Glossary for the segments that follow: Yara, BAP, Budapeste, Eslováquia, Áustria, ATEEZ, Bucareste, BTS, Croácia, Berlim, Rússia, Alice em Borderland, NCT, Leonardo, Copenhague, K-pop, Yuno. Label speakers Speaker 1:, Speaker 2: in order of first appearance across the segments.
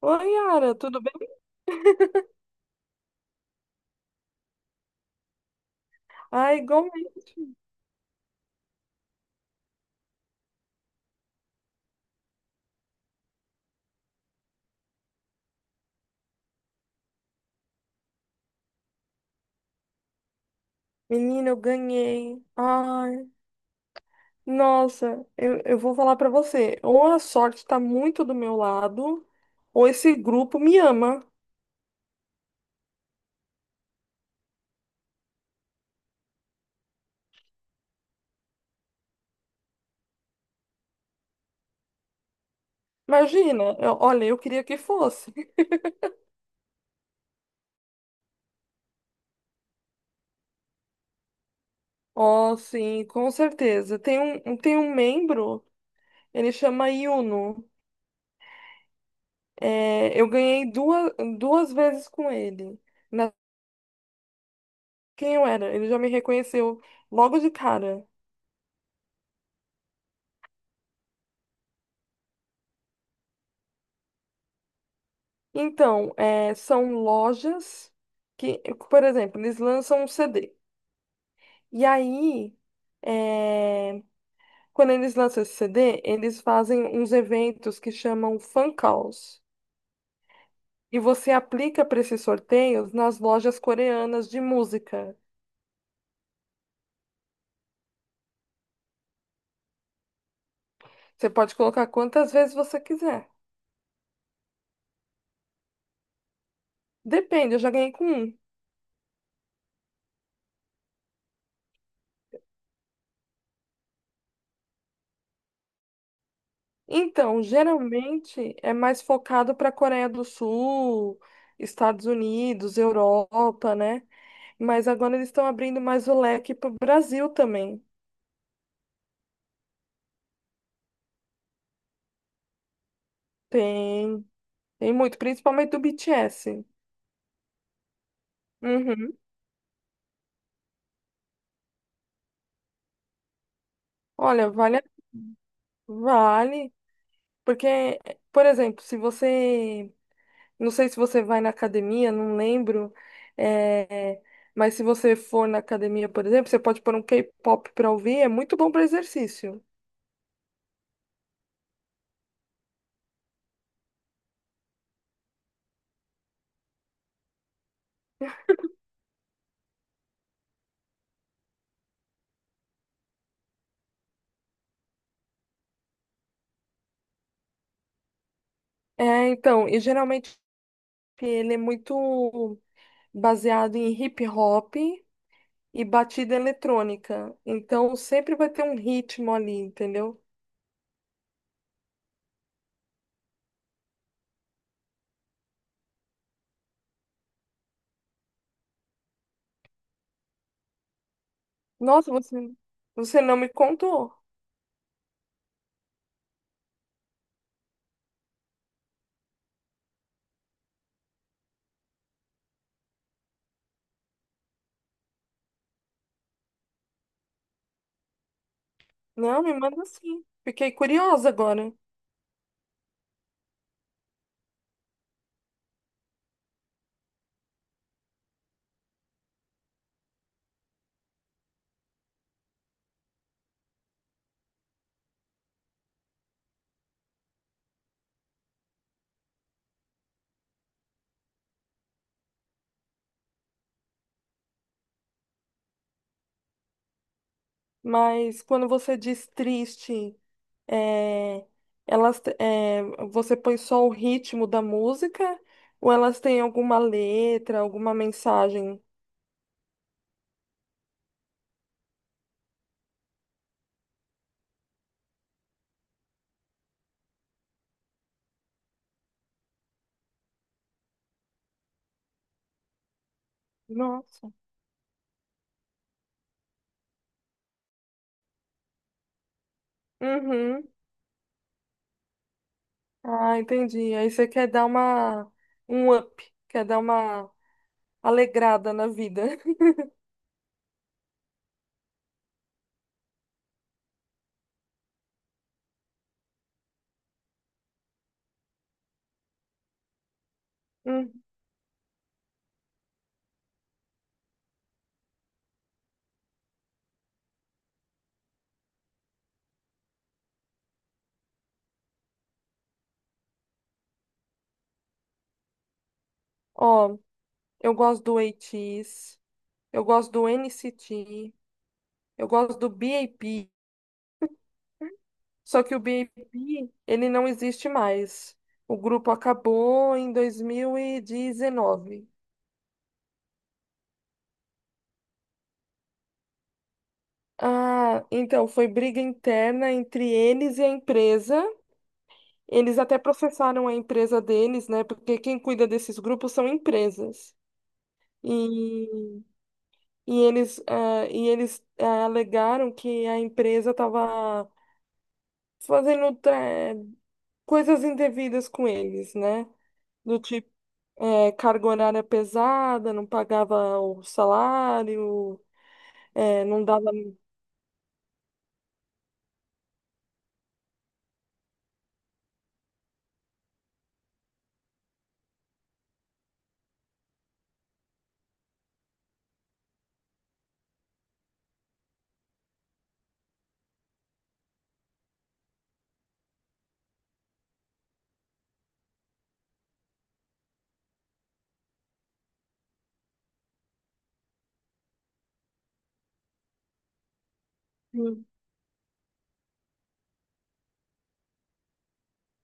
Speaker 1: Oi, Yara, tudo bem? Ai, igualmente. Menina, eu ganhei. Eu vou falar pra você. Ou a sorte tá muito do meu lado, ou esse grupo me ama. Imagina, olha, eu queria que fosse. Oh, sim, com certeza. Tem tem um membro, ele chama Yuno. É, duas vezes com ele. Na, quem eu era? Ele já me reconheceu logo de cara. Então, é, são lojas que, por exemplo, eles lançam um CD. E aí, é, Quando eles lançam esse CD, eles fazem uns eventos que chamam fan calls. E você aplica para esses sorteios nas lojas coreanas de música. Você pode colocar quantas vezes você quiser. Depende, eu já ganhei com um. Então, geralmente é mais focado para a Coreia do Sul, Estados Unidos, Europa, né? Mas agora eles estão abrindo mais o leque para o Brasil também. Tem, tem muito, principalmente do BTS. Uhum. Olha, vale, porque, por exemplo, se você, não sei se você vai na academia, não lembro, é, mas se você for na academia, por exemplo, você pode pôr um K-pop para ouvir, é muito bom para exercício. É, então, e geralmente ele é muito baseado em hip hop e batida eletrônica. Então sempre vai ter um ritmo ali, entendeu? Nossa, você, você não me contou. Não, me manda sim. Fiquei curiosa agora. Mas quando você diz triste, é, elas, te- é, você põe só o ritmo da música ou elas têm alguma letra, alguma mensagem? Nossa. Uhum. Ah, entendi. Aí você quer dar uma um up, quer dar uma alegrada na vida. Ó, eu gosto do ATEEZ, eu gosto do NCT, eu gosto do BAP, só que o BAP, ele não existe mais. O grupo acabou em 2019. Ah, então foi briga interna entre eles e a empresa. Eles até processaram a empresa deles, né? Porque quem cuida desses grupos são empresas. E, e eles alegaram que a empresa estava fazendo coisas indevidas com eles, né? Do tipo, é, carga horária pesada, não pagava o salário, é, não dava.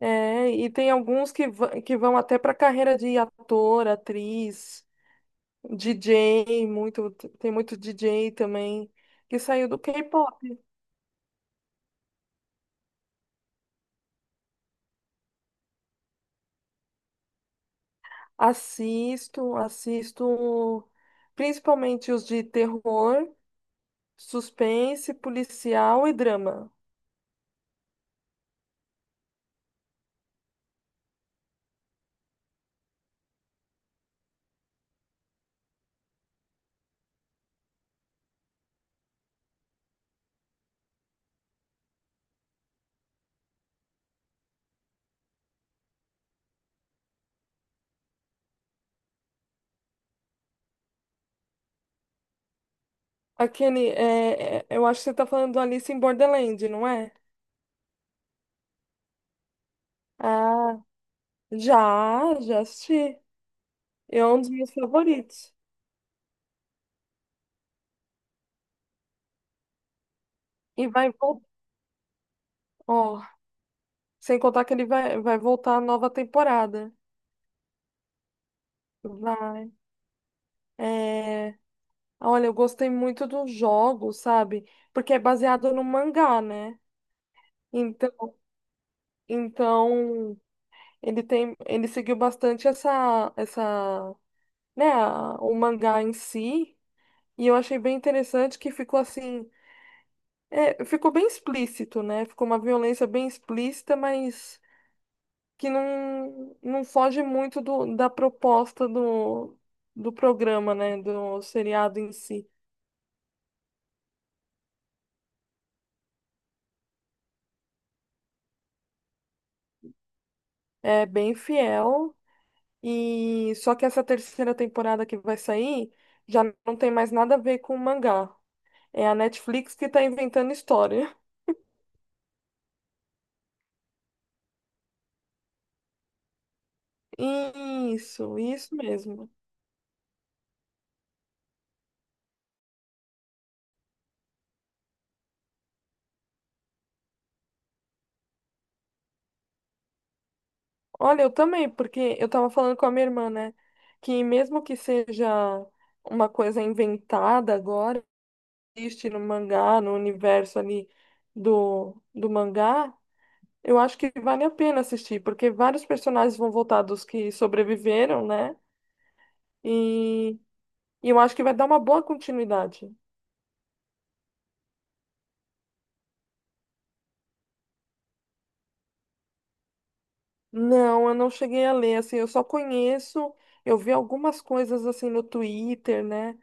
Speaker 1: É, e tem alguns que vão até para carreira de ator, atriz, DJ, muito, tem muito DJ também, que saiu do K-pop. Assisto, assisto principalmente os de terror, suspense, policial e drama. A Kenny, é, é, eu acho que você tá falando do Alice em Borderland, não é? Ah, já, já assisti. É um dos meus favoritos. E vai voltar. Ó, sem contar que ele vai voltar a nova temporada. Vai. É, olha, eu gostei muito do jogo, sabe? Porque é baseado no mangá, né? Então, então ele tem, ele seguiu bastante né, o mangá em si. E eu achei bem interessante que ficou assim. É, ficou bem explícito, né? Ficou uma violência bem explícita, mas que não, não foge muito do, da proposta do programa, né? Do seriado em si. É bem fiel, e só que essa terceira temporada que vai sair já não tem mais nada a ver com o mangá. É a Netflix que tá inventando história. Isso mesmo. Olha, eu também, porque eu tava falando com a minha irmã, né? Que mesmo que seja uma coisa inventada agora, existe no mangá, no universo ali do mangá, eu acho que vale a pena assistir, porque vários personagens vão voltar dos que sobreviveram, né? E, e eu acho que vai dar uma boa continuidade. Não, eu não cheguei a ler, assim, eu só conheço, eu vi algumas coisas assim no Twitter, né?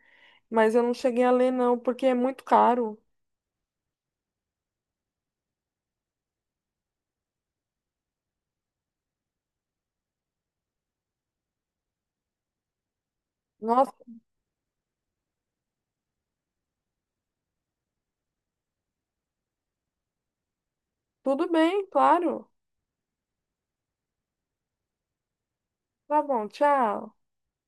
Speaker 1: Mas eu não cheguei a ler, não, porque é muito caro. Nossa. Tudo bem, claro. Tá bom, tchau.